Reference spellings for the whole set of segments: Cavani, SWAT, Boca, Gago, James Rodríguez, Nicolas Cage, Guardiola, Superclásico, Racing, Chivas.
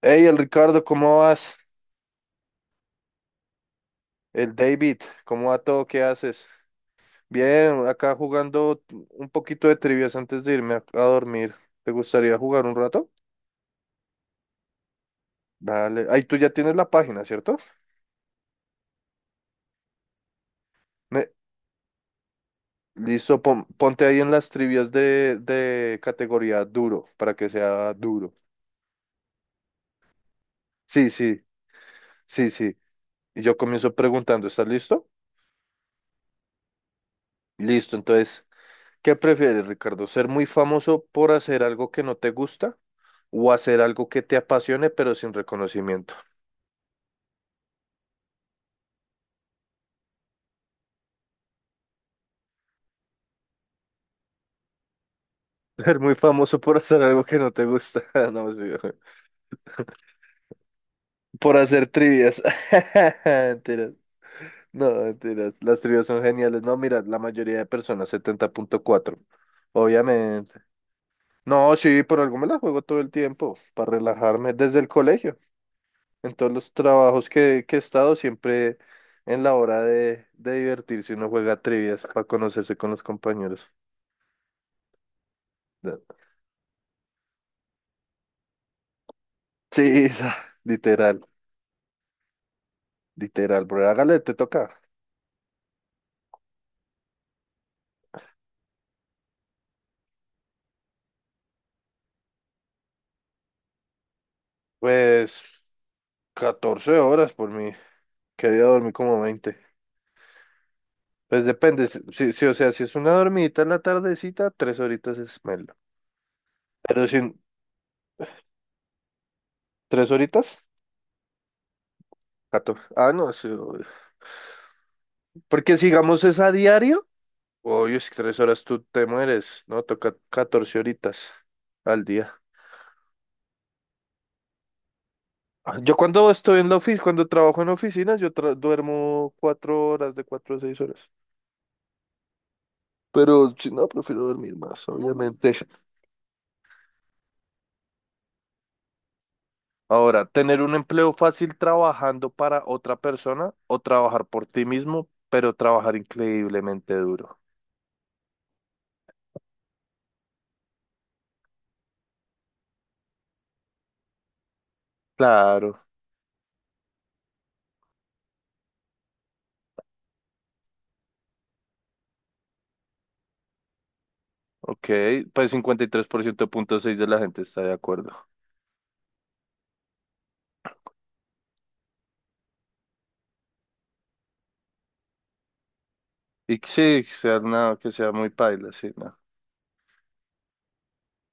Hey, el Ricardo, ¿cómo vas? El David, ¿cómo va todo? ¿Qué haces? Bien, acá jugando un poquito de trivias antes de irme a dormir. ¿Te gustaría jugar un rato? Dale. Ahí tú ya tienes la página, ¿cierto? Me- Listo, ponte ahí en las trivias de categoría duro, para que sea duro. Sí, sí, sí, sí. Y yo comienzo preguntando, ¿estás listo? Listo, entonces, ¿qué prefieres, Ricardo? ¿Ser muy famoso por hacer algo que no te gusta o hacer algo que te apasione pero sin reconocimiento? Ser muy famoso por hacer algo que no te gusta. No, sí, ojo. Por hacer trivias. Mentiras. No, mentiras. Las trivias son geniales. No, mira, la mayoría de personas, 70,4. Obviamente. No, sí, por algo me la juego todo el tiempo, para relajarme, desde el colegio. En todos los trabajos que he estado, siempre en la hora de divertirse, uno juega trivias para conocerse con los compañeros. Sí, literal. Literal, bro. Hágale, te toca. Pues 14 horas por mí. Que había dormido como 20. Pues depende. Si, o sea, si es una dormidita en la tardecita, 3 horitas es melo. Pero sin 3 horitas, 14. Ah, no, sí, obvio. Porque sigamos es a diario. Oye, si 3 horas tú te mueres, ¿no? Toca 14 horitas al día. Ah, yo cuando estoy en la oficina, cuando trabajo en oficinas, yo duermo 4 horas, de 4 a 6 horas. Pero si no, prefiero dormir más, obviamente. Ahora, tener un empleo fácil trabajando para otra persona o trabajar por ti mismo, pero trabajar increíblemente duro. Claro, ok. Pues 53,6% de la gente está de acuerdo. Y que sí, que sea nada, que sea muy paila, sí, no.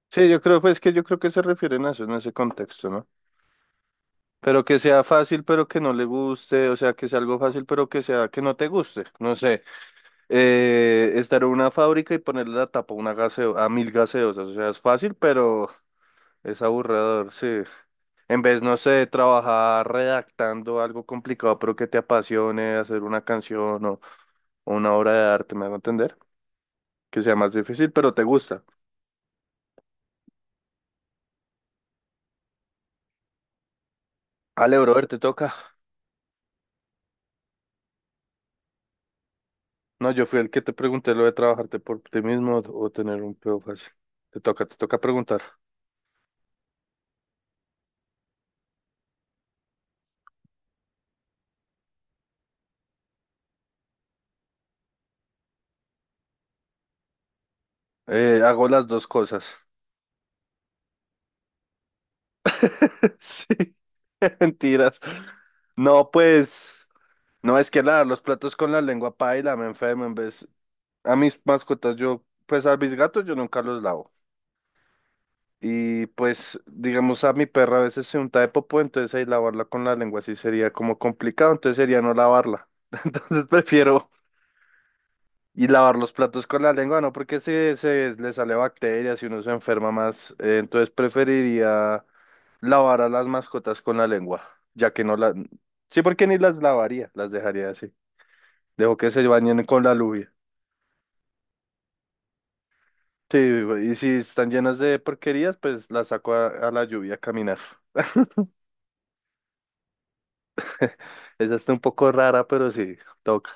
Sí, yo creo, pues que yo creo que se refieren a eso en ese contexto, ¿no? Pero que sea fácil, pero que no le guste, o sea, que sea algo fácil, pero que sea que no te guste. No sé, estar en una fábrica y ponerle la tapa a una a 1.000 gaseosas, o sea, es fácil, pero es aburridor, sí. En vez, no sé, de trabajar redactando algo complicado, pero que te apasione, hacer una canción o una obra de arte, me hago entender. Que sea más difícil, pero te gusta. Ale, brother, te toca. No, yo fui el que te pregunté lo de trabajarte por ti mismo o tener un empleo fácil. Te toca preguntar. Hago las dos cosas. Sí, mentiras. No, pues, no es que lavar los platos con la lengua paila, me enfermo en vez. A mis mascotas, yo, pues a mis gatos yo nunca los lavo. Y pues, digamos, a mi perra a veces se unta de popó, entonces ahí lavarla con la lengua sí sería como complicado, entonces sería no lavarla. Entonces prefiero y lavar los platos con la lengua, no, porque si se le sale bacterias y uno se enferma más, entonces preferiría lavar a las mascotas con la lengua, ya que no la... Sí, porque ni las lavaría, las dejaría así. Dejo que se bañen con la luz. Sí, y si están llenas de porquerías, pues las saco a la lluvia a caminar. Esa está un poco rara, pero sí, toca,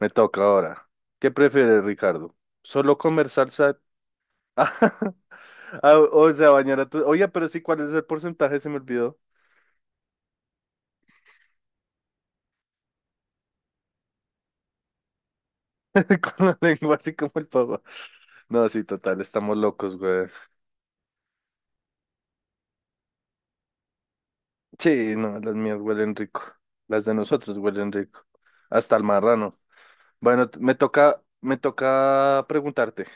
me toca ahora. ¿Qué prefieres, Ricardo? ¿Solo comer salsa? Ah, o sea, bañar a tu... Oye, pero sí, ¿cuál es el porcentaje? Se me olvidó. Con la lengua así como el pavo. No, sí, total, estamos locos, güey. Sí, no, las mías huelen rico. Las de nosotros huelen rico. Hasta el marrano. Bueno, me toca preguntarte.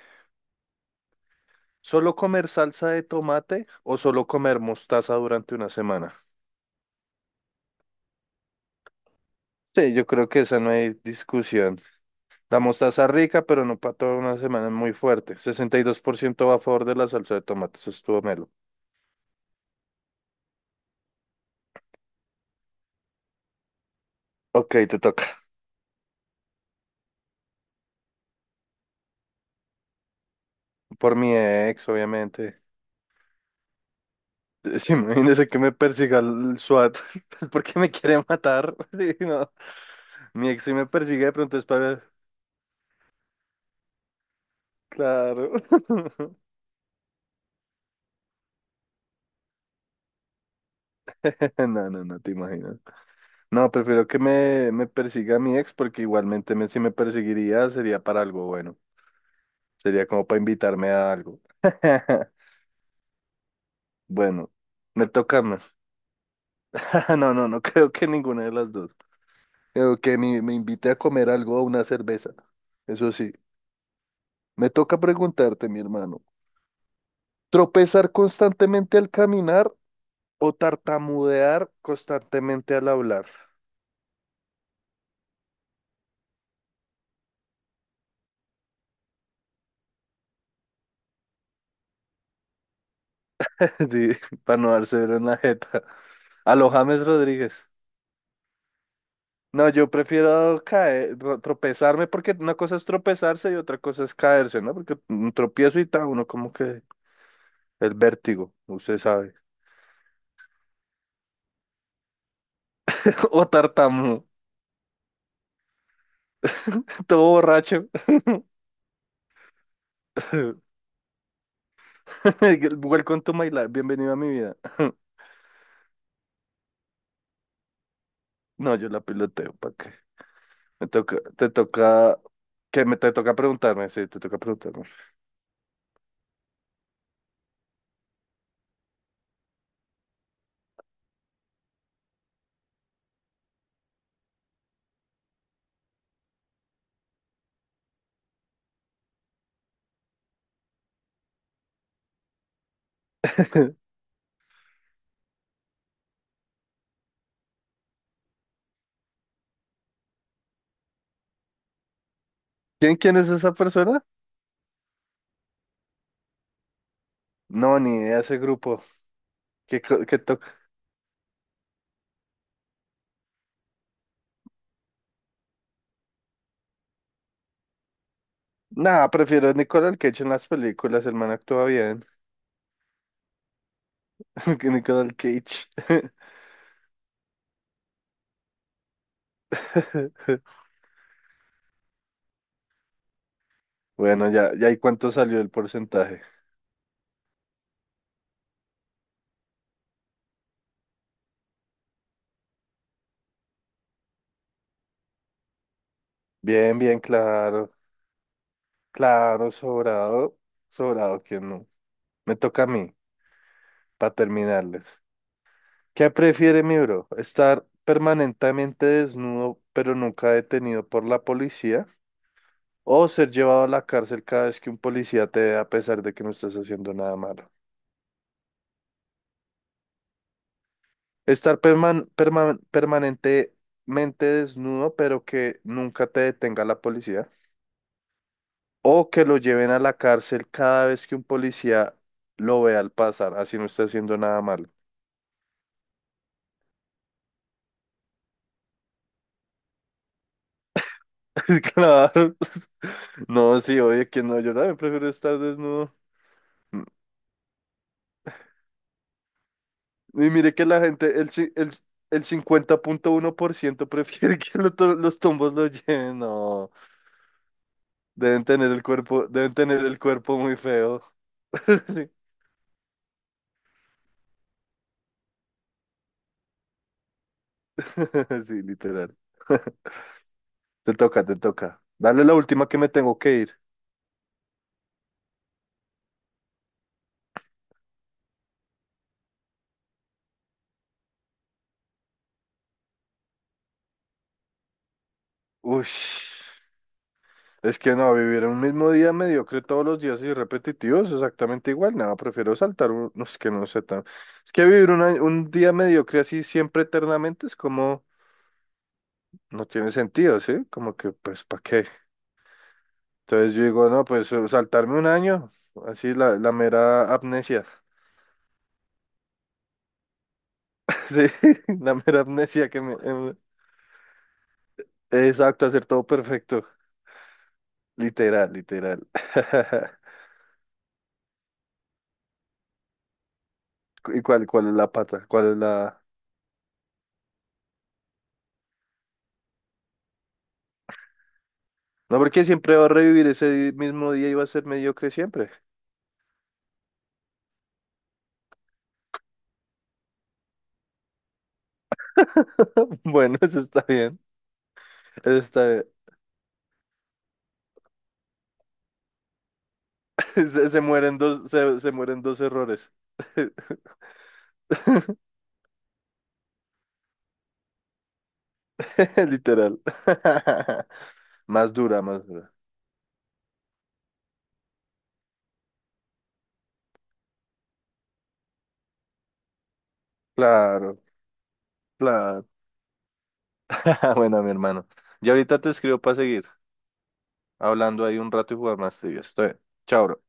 ¿Solo comer salsa de tomate o solo comer mostaza durante una semana? Sí, yo creo que esa no hay discusión. La mostaza rica, pero no para toda una semana, es muy fuerte. 62% va a favor de la salsa de tomate, eso estuvo melo. Ok, te toca. Por mi ex, obviamente. Sí, imagínese que me persiga el SWAT porque me quiere matar. Sí, no. Mi ex sí me persigue de pronto es para... Claro. No, no, no te imaginas. No, prefiero que me persiga mi ex porque igualmente si me perseguiría sería para algo bueno. Sería como para invitarme a algo. Bueno, me toca, ¿no? No, no, no creo que ninguna de las dos. Creo que me invite a comer algo o una cerveza. Eso sí, me toca preguntarte, mi hermano, ¿tropezar constantemente al caminar o tartamudear constantemente al hablar? Sí, para no dárselo en la jeta. A los James Rodríguez. No, yo prefiero caer, tropezarme, porque una cosa es tropezarse y otra cosa es caerse, ¿no? Porque un tropiezo y tal, uno como que el vértigo, usted sabe. O tartamudo, todo borracho. Welcome to my life, bienvenido a mi vida. No, yo la piloteo, ¿para qué? Me toca, te toca, que me te toca preguntarme, sí, te toca preguntarme. ¿Quién es esa persona? No, ni idea, ese grupo. ¿Qué toca? Nah, prefiero a Nicolas Cage en las películas, el man actúa bien. Que Nicolas Cage. Bueno, ya, ya, ¿y cuánto salió el porcentaje? Bien, bien, claro. Claro, sobrado. Sobrado, que no. Me toca a mí, para terminarles. ¿Qué prefiere mi bro? ¿Estar permanentemente desnudo, pero nunca detenido por la policía? ¿O ser llevado a la cárcel cada vez que un policía te ve a pesar de que no estás haciendo nada malo? Estar permanentemente desnudo, pero que nunca te detenga la policía. O que lo lleven a la cárcel cada vez que un policía lo vea al pasar, así no está haciendo nada malo. Claro. No, sí, oye, que no, yo también prefiero estar desnudo. Mm, Y mire que la gente, el 50,1% prefiere que los tombos lo lleven. No, deben tener el cuerpo muy feo. Sí, sí, literal. Te toca, te toca. Dale la última que me tengo que ir. Uy, es que no, vivir un mismo día mediocre todos los días y repetitivos, exactamente igual. Nada, prefiero saltar un... no, es que no sé tan... Es que vivir un día mediocre así siempre eternamente es como... No tiene sentido, ¿sí? Como que, pues, ¿para qué? Entonces yo digo, no, pues saltarme un año, así la mera amnesia. Sí, la mera amnesia que me... Exacto, hacer todo perfecto. Literal, literal. ¿Y cuál es la pata? ¿Cuál es la...? No, porque siempre va a revivir ese mismo día y va a ser mediocre siempre. Bueno, eso está bien. Eso está bien. Se mueren dos, se mueren dos errores. Literal. Más dura, más dura. Claro, claro. Bueno, mi hermano. Y ahorita te escribo para seguir hablando ahí un rato y jugar más trivias. Estoy. Chao, bro.